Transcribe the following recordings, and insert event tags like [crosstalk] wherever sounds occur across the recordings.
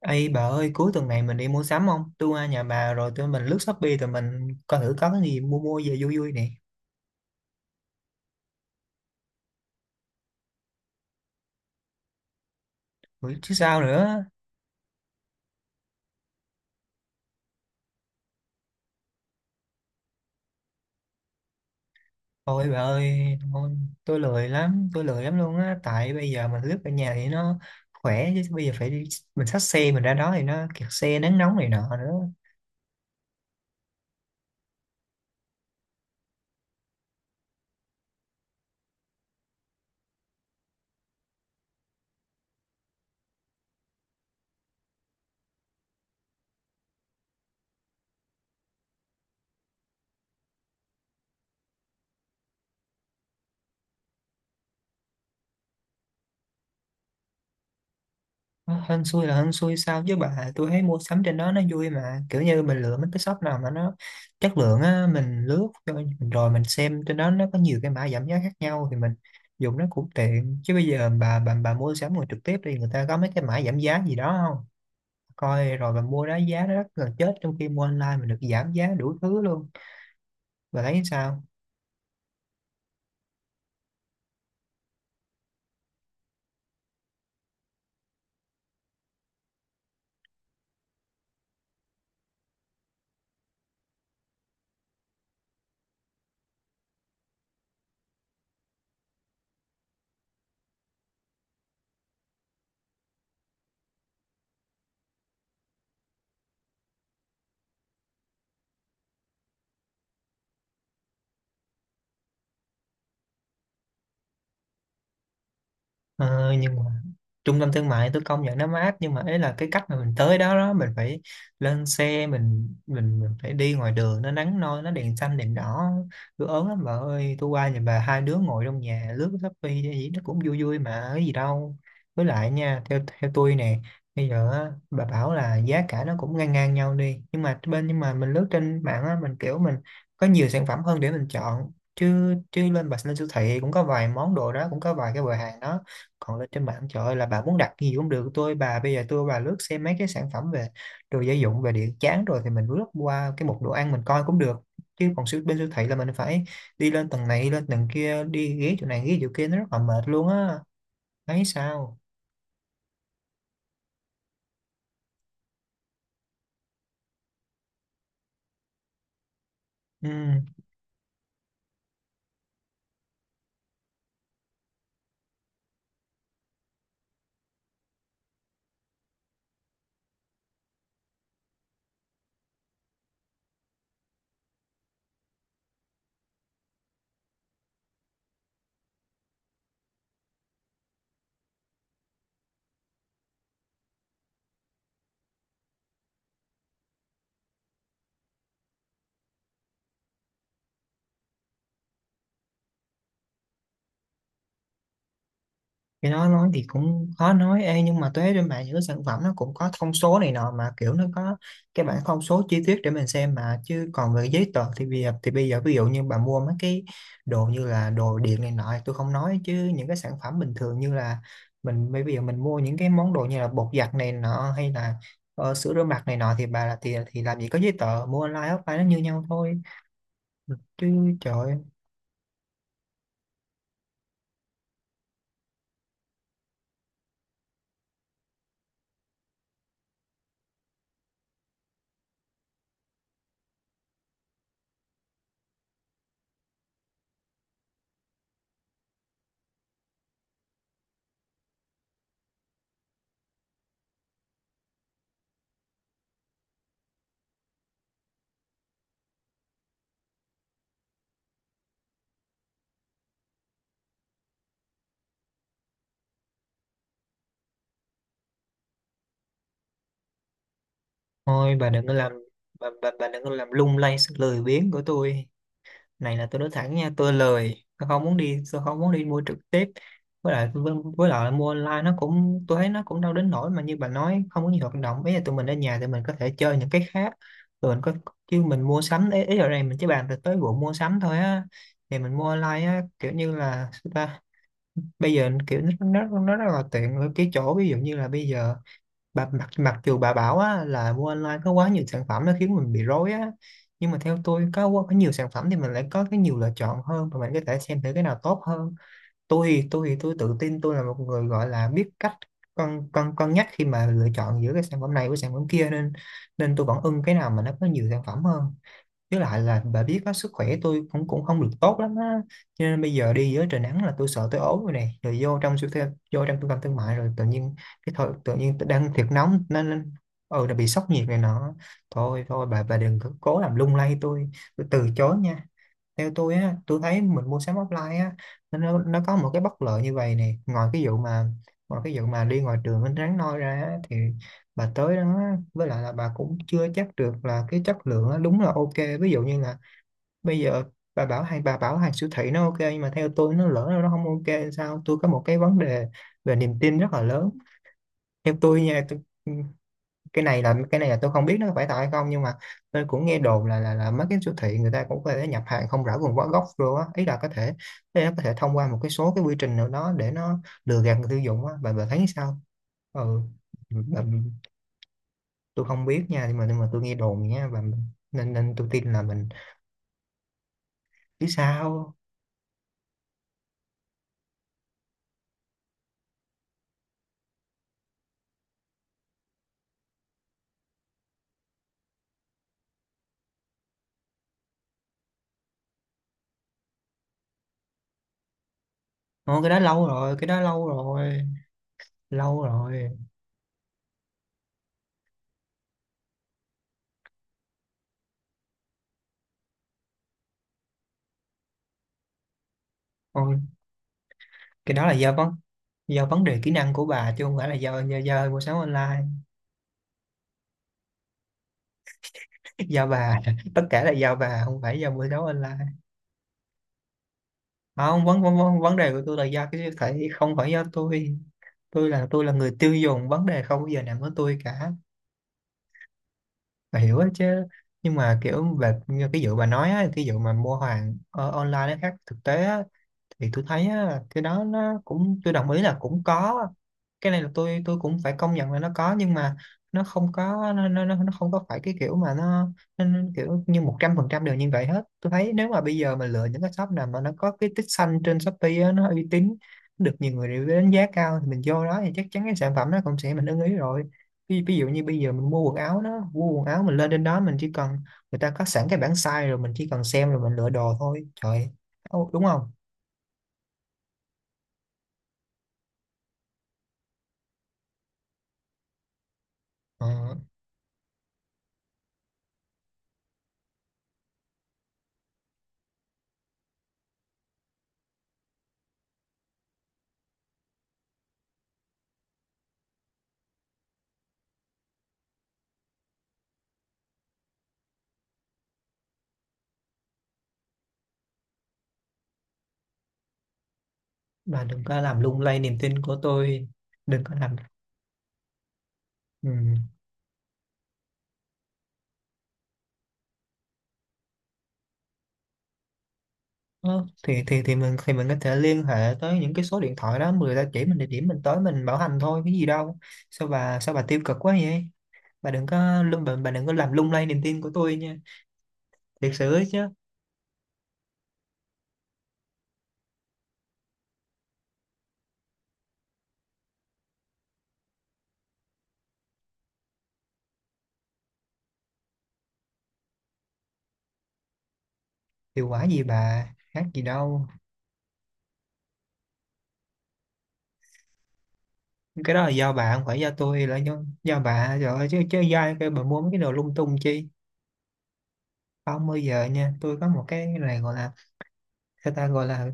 Ê bà ơi, cuối tuần này mình đi mua sắm không? Tôi qua nhà bà rồi tụi mình lướt Shopee, tụi mình coi thử có cái gì mua mua về vui vui nè. Ủa, chứ sao nữa? Ôi bà ơi thôi, tôi lười lắm luôn á. Tại bây giờ mình lướt ở nhà thì nó khỏe, chứ bây giờ phải đi, mình xách xe mình ra đó thì nó kẹt xe, nắng nóng này nọ nữa. Hên xui là hên xui sao chứ bà? Tôi thấy mua sắm trên đó nó vui mà. Kiểu như mình lựa mấy cái shop nào mà nó chất lượng á, mình lướt rồi rồi mình xem trên đó nó có nhiều cái mã giảm giá khác nhau, thì mình dùng nó cũng tiện. Chứ bây giờ bà mua sắm ngoài trực tiếp đi, người ta có mấy cái mã giảm giá gì đó không? Coi rồi bà mua đó giá nó rất gần chết, trong khi mua online mình được giảm giá đủ thứ luôn. Bà thấy sao? Ờ, nhưng mà trung tâm thương mại tôi công nhận nó mát, nhưng mà ấy là cái cách mà mình tới đó đó mình phải lên xe mình, mình phải đi ngoài đường nó nắng nôi, nó đèn xanh đèn đỏ, tôi ớn lắm bà ơi. Tôi qua nhà bà hai đứa ngồi trong nhà lướt Shopee hay gì nó cũng vui vui mà, cái gì đâu. Với lại nha, theo theo tôi nè, bây giờ á, bà bảo là giá cả nó cũng ngang ngang nhau đi, nhưng mà bên, nhưng mà mình lướt trên mạng á, mình kiểu mình có nhiều sản phẩm hơn để mình chọn, chứ chứ lên bà lên siêu thị cũng có vài món đồ đó, cũng có vài cái quầy hàng đó. Còn lên trên mạng, trời ơi, là bà muốn đặt cái gì cũng được. Tôi bà bây giờ tôi bà lướt xem mấy cái sản phẩm về đồ gia dụng, về điện chán rồi thì mình lướt qua cái mục đồ ăn mình coi cũng được. Chứ còn bên siêu thị là mình phải đi lên tầng này lên tầng kia, đi ghế chỗ này ghế chỗ kia, nó rất là mệt luôn á. Thấy sao? Ừ. Cái đó nói thì cũng khó nói. Ê, nhưng mà thuế trên mạng những cái sản phẩm nó cũng có thông số này nọ mà, kiểu nó có cái bảng thông số chi tiết để mình xem mà. Chứ còn về giấy tờ thì bây giờ, thì bây giờ ví dụ như bà mua mấy cái đồ như là đồ điện này nọ thì tôi không nói, chứ những cái sản phẩm bình thường như là mình bây giờ mình mua những cái món đồ như là bột giặt này nọ hay là sữa rửa mặt này nọ thì bà là thì làm gì có giấy tờ, mua online offline nó như nhau thôi chứ. Trời ơi, thôi bà đừng có làm, bà đừng có làm lung lay sự lười biếng của tôi. Này là tôi nói thẳng nha, tôi lười, tôi không muốn đi, tôi không muốn đi mua trực tiếp. Với lại mua online nó cũng, tôi thấy nó cũng đâu đến nỗi mà như bà nói không có nhiều hoạt động. Ý là tụi mình ở nhà thì mình có thể chơi những cái khác, tụi mình có. Chứ mình mua sắm ấy, ý ở đây mình chỉ bàn được tới vụ mua sắm thôi á, thì mình mua online á kiểu như là sao ta, bây giờ kiểu nó rất là tiện ở cái chỗ, ví dụ như là bây giờ bà, mặc mặc dù bà bảo á, là mua online có quá nhiều sản phẩm nó khiến mình bị rối á, nhưng mà theo tôi có nhiều sản phẩm thì mình lại có cái nhiều lựa chọn hơn và mình có thể xem thử cái nào tốt hơn. Tôi tự tin tôi là một người gọi là biết cách cân cân cân nhắc khi mà lựa chọn giữa cái sản phẩm này với sản phẩm kia, nên nên tôi vẫn ưng cái nào mà nó có nhiều sản phẩm hơn. Với lại là bà biết á, sức khỏe tôi cũng cũng không được tốt lắm á, cho nên bây giờ đi dưới trời nắng là tôi sợ tôi ốm rồi nè. Rồi vô trong siêu thị, vô trong trung tâm thương mại rồi tự nhiên, cái thời tự nhiên đang thiệt nóng nên nên- ừ là bị sốc nhiệt này nọ. Thôi thôi bà đừng có cố làm lung lay tôi từ chối nha. Theo tôi á, tôi thấy mình mua sắm offline á, nó có một cái bất lợi như vậy nè. Ngoài cái vụ mà, ngoài cái vụ mà đi ngoài đường mình rắn noi ra á, thì bà tới đó á, với lại là bà cũng chưa chắc được là cái chất lượng á, đúng là ok. Ví dụ như là bây giờ bà bảo hàng siêu thị nó ok, nhưng mà theo tôi nó lỡ nó không ok sao? Tôi có một cái vấn đề về niềm tin rất là lớn. Theo tôi nha, tôi, cái này là tôi không biết nó có phải thật hay không, nhưng mà tôi cũng nghe đồn là mấy cái siêu thị người ta cũng có thể nhập hàng không rõ nguồn gốc rồi á. Ý là có thể, ý nó có thể thông qua một cái số cái quy trình nào đó để nó lừa gạt người tiêu dùng á. Bà thấy sao? Ừ. Bà, tôi không biết nha, nhưng mà tôi nghe đồn nha, và nên nên tôi tin là mình, chứ sao. Ồ, cái đó lâu rồi, cái đó lâu rồi, lâu rồi. Ôi, cái đó là do vấn đề kỹ năng của bà, chứ không phải là do mua sắm online. Do bà [laughs] tất cả là do bà, không phải do buổi đấu online. Không, vấn vấn vấn vấn đề của tôi là do cái siêu thị, không phải do tôi. Tôi là người tiêu dùng, vấn đề không bao giờ nằm ở tôi cả, bà hiểu đó chứ. Nhưng mà kiểu về như cái vụ bà nói á, cái vụ mà mua hàng online nó khác thực tế á, thì tôi thấy á, cái đó nó cũng, tôi đồng ý là cũng có. Cái này là tôi cũng phải công nhận là nó có, nhưng mà nó không có, nó không có phải cái kiểu mà nó kiểu như 100% đều như vậy hết. Tôi thấy nếu mà bây giờ mà lựa những cái shop nào mà nó có cái tích xanh trên Shopee á, nó uy tín, nó được nhiều người review đánh giá cao thì mình vô đó thì chắc chắn cái sản phẩm nó cũng sẽ mình ưng ý rồi. Ví dụ như bây giờ mình mua quần áo đó, mua quần áo mình lên trên đó mình chỉ cần, người ta có sẵn cái bảng size rồi mình chỉ cần xem rồi mình lựa đồ thôi. Trời ơi, đúng không? Ờ. Bạn đừng có làm lung lay niềm tin của tôi. Đừng có làm. Ừ. Ờ, thì thì mình thì mình có thể liên hệ tới những cái số điện thoại đó, người ta chỉ mình địa điểm mình tới mình bảo hành thôi, cái gì đâu. Sao bà, sao bà tiêu cực quá vậy? Bà đừng có lung, bà đừng có làm lung lay niềm tin của tôi nha, thiệt sự ấy chứ. Hiệu quả gì bà, khác gì đâu. Cái đó là do bà, không phải do tôi, là do bà rồi chứ, do ai kêu bà mua mấy cái đồ lung tung chi. Không bao giờ nha. Tôi có một cái này gọi là, người ta gọi là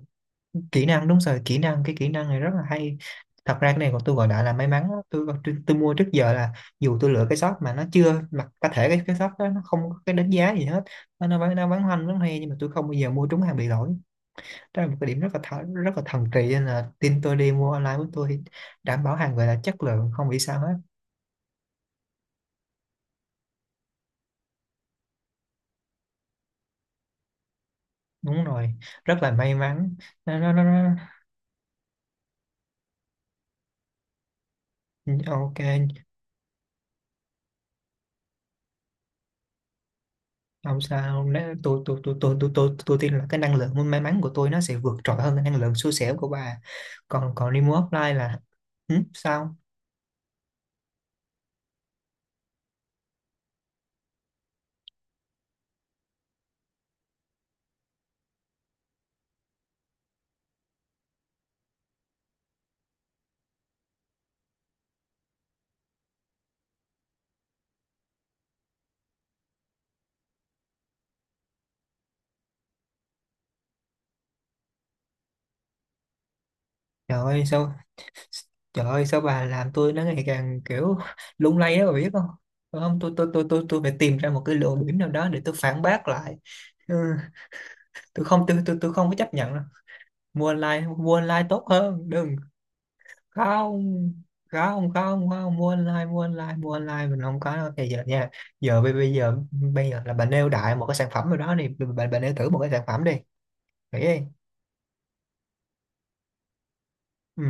kỹ năng. Đúng rồi, kỹ năng, cái kỹ năng này rất là hay. Thật ra cái này còn tôi gọi lại là may mắn á. Tôi mua trước giờ là, dù tôi lựa cái shop mà nó chưa mặc, có thể cái shop đó nó không có cái đánh giá gì hết, nó bán, nó bán hoành bán hoe, nhưng mà tôi không bao giờ mua trúng hàng bị lỗi. Đó là một cái điểm rất là thần kỳ, nên là tin tôi đi, mua online của tôi đảm bảo hàng về là chất lượng không bị sao hết. Đúng rồi, rất là may mắn. Nó. Ừ, ok. Không sao. Nếu tôi tin là cái năng lượng may mắn của tôi nó sẽ vượt trội hơn cái năng lượng xui xẻo của bà. Còn còn remote offline là sao? Trời ơi sao trời ơi sao bà làm tôi nó ngày càng kiểu lung lay đó bà biết không? Phải không? Tôi phải tìm ra một cái lỗ điểm nào đó để tôi phản bác lại. ừ, tôi không, tôi không có chấp nhận đâu. Mua online, mua online tốt hơn, đừng. Không không không không, mua online mua online mua online, mình không có thì giờ nha. Giờ bây bây giờ là bà nêu đại một cái sản phẩm nào đó đi. Bà nêu thử một cái sản phẩm đi. Nghĩ đi. Ừ,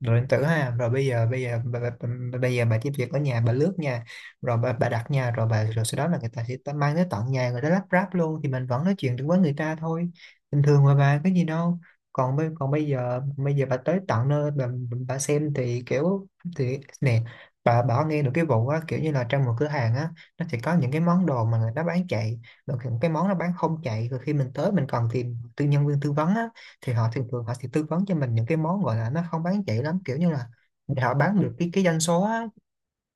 rồi điện tử ha. Rồi bây giờ bây giờ bà chỉ việc ở nhà bà lướt nha. Rồi bà đặt nha, rồi bà, rồi sau đó là người ta sẽ ta mang tới tận nhà, người ta lắp ráp luôn thì mình vẫn nói chuyện được với người ta thôi. Bình thường mà bà, cái gì đâu. Còn bây giờ bà tới tận nơi, bà xem thì kiểu, thì nè. Bà có nghe được cái vụ á, kiểu như là trong một cửa hàng á, nó sẽ có những cái món đồ mà người ta bán chạy, rồi những cái món nó bán không chạy. Rồi khi mình tới mình còn tìm tư nhân viên tư vấn á, thì họ thường thường họ sẽ tư vấn cho mình những cái món gọi là nó không bán chạy lắm, kiểu như là để họ bán được cái doanh số á.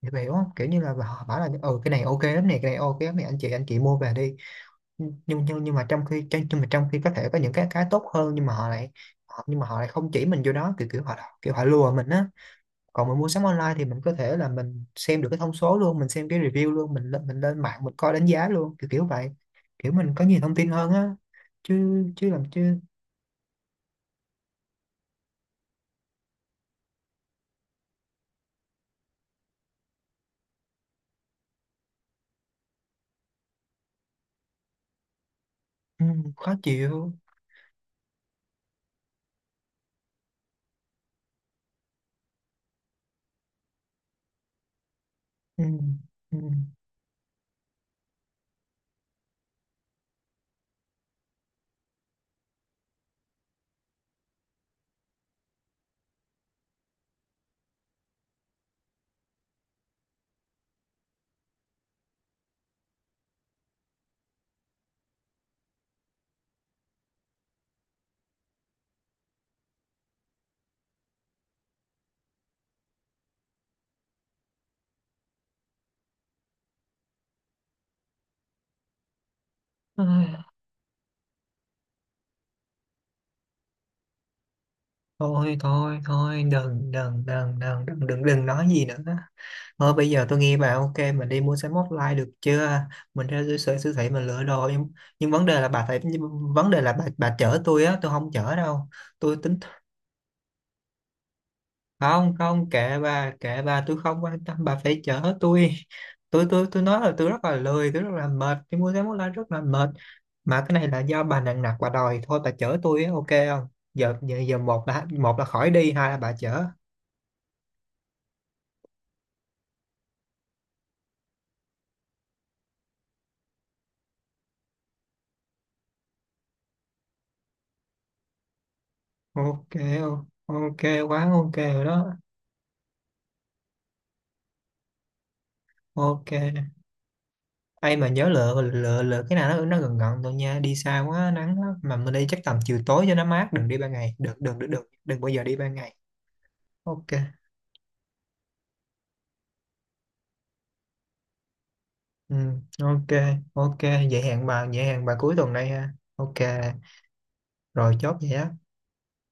Hiểu hiểu không, kiểu như là họ bảo là ừ cái này ok lắm này, cái này ok lắm này, anh chị mua về đi. Nhưng mà trong khi nhưng mà trong khi có thể có những cái tốt hơn nhưng mà họ lại, nhưng mà họ lại không chỉ mình vô đó, kiểu kiểu họ, kiểu họ lùa mình á. Còn mình mua sắm online thì mình có thể là mình xem được cái thông số luôn, mình xem cái review luôn, mình lên mạng mình coi đánh giá luôn, kiểu kiểu vậy. Kiểu mình có nhiều thông tin hơn á. Chứ chứ làm chứ Ừ, khó chịu. Ừ, ừ. Ai, thôi thôi thôi, đừng đừng đừng đừng đừng đừng đừng nói gì nữa. Thôi bây giờ tôi nghe bà, ok mình đi mua sắm offline được chưa. Mình ra siêu thị, mình lựa đồ. Nhưng vấn đề là bà phải nhưng vấn đề là bà chở tôi á, tôi không chở đâu. Tôi tính. Không không, kệ bà, tôi không quan tâm, bà phải chở tôi. Tôi nói là tôi rất là lười, tôi rất là mệt, tôi mua cái món lá rất là mệt. Mà cái này là do bà nặng nặc bà đòi thôi, bà chở tôi á, ok không? Giờ giờ, giờ một là khỏi đi, hai là bà chở. Ok không? Ok. Quá ok rồi đó. Ok, ai mà nhớ, lựa lựa lựa cái nào nó gần gần thôi nha, đi xa quá nắng lắm. Mà mình đi chắc tầm chiều tối cho nó mát, đừng đi ban ngày, đừng đừng đừng đừng đừng bao giờ đi ban ngày. Ok. Ừ, ok, ok, vậy hẹn bà, cuối tuần đây ha. Ok, rồi chốt vậy á.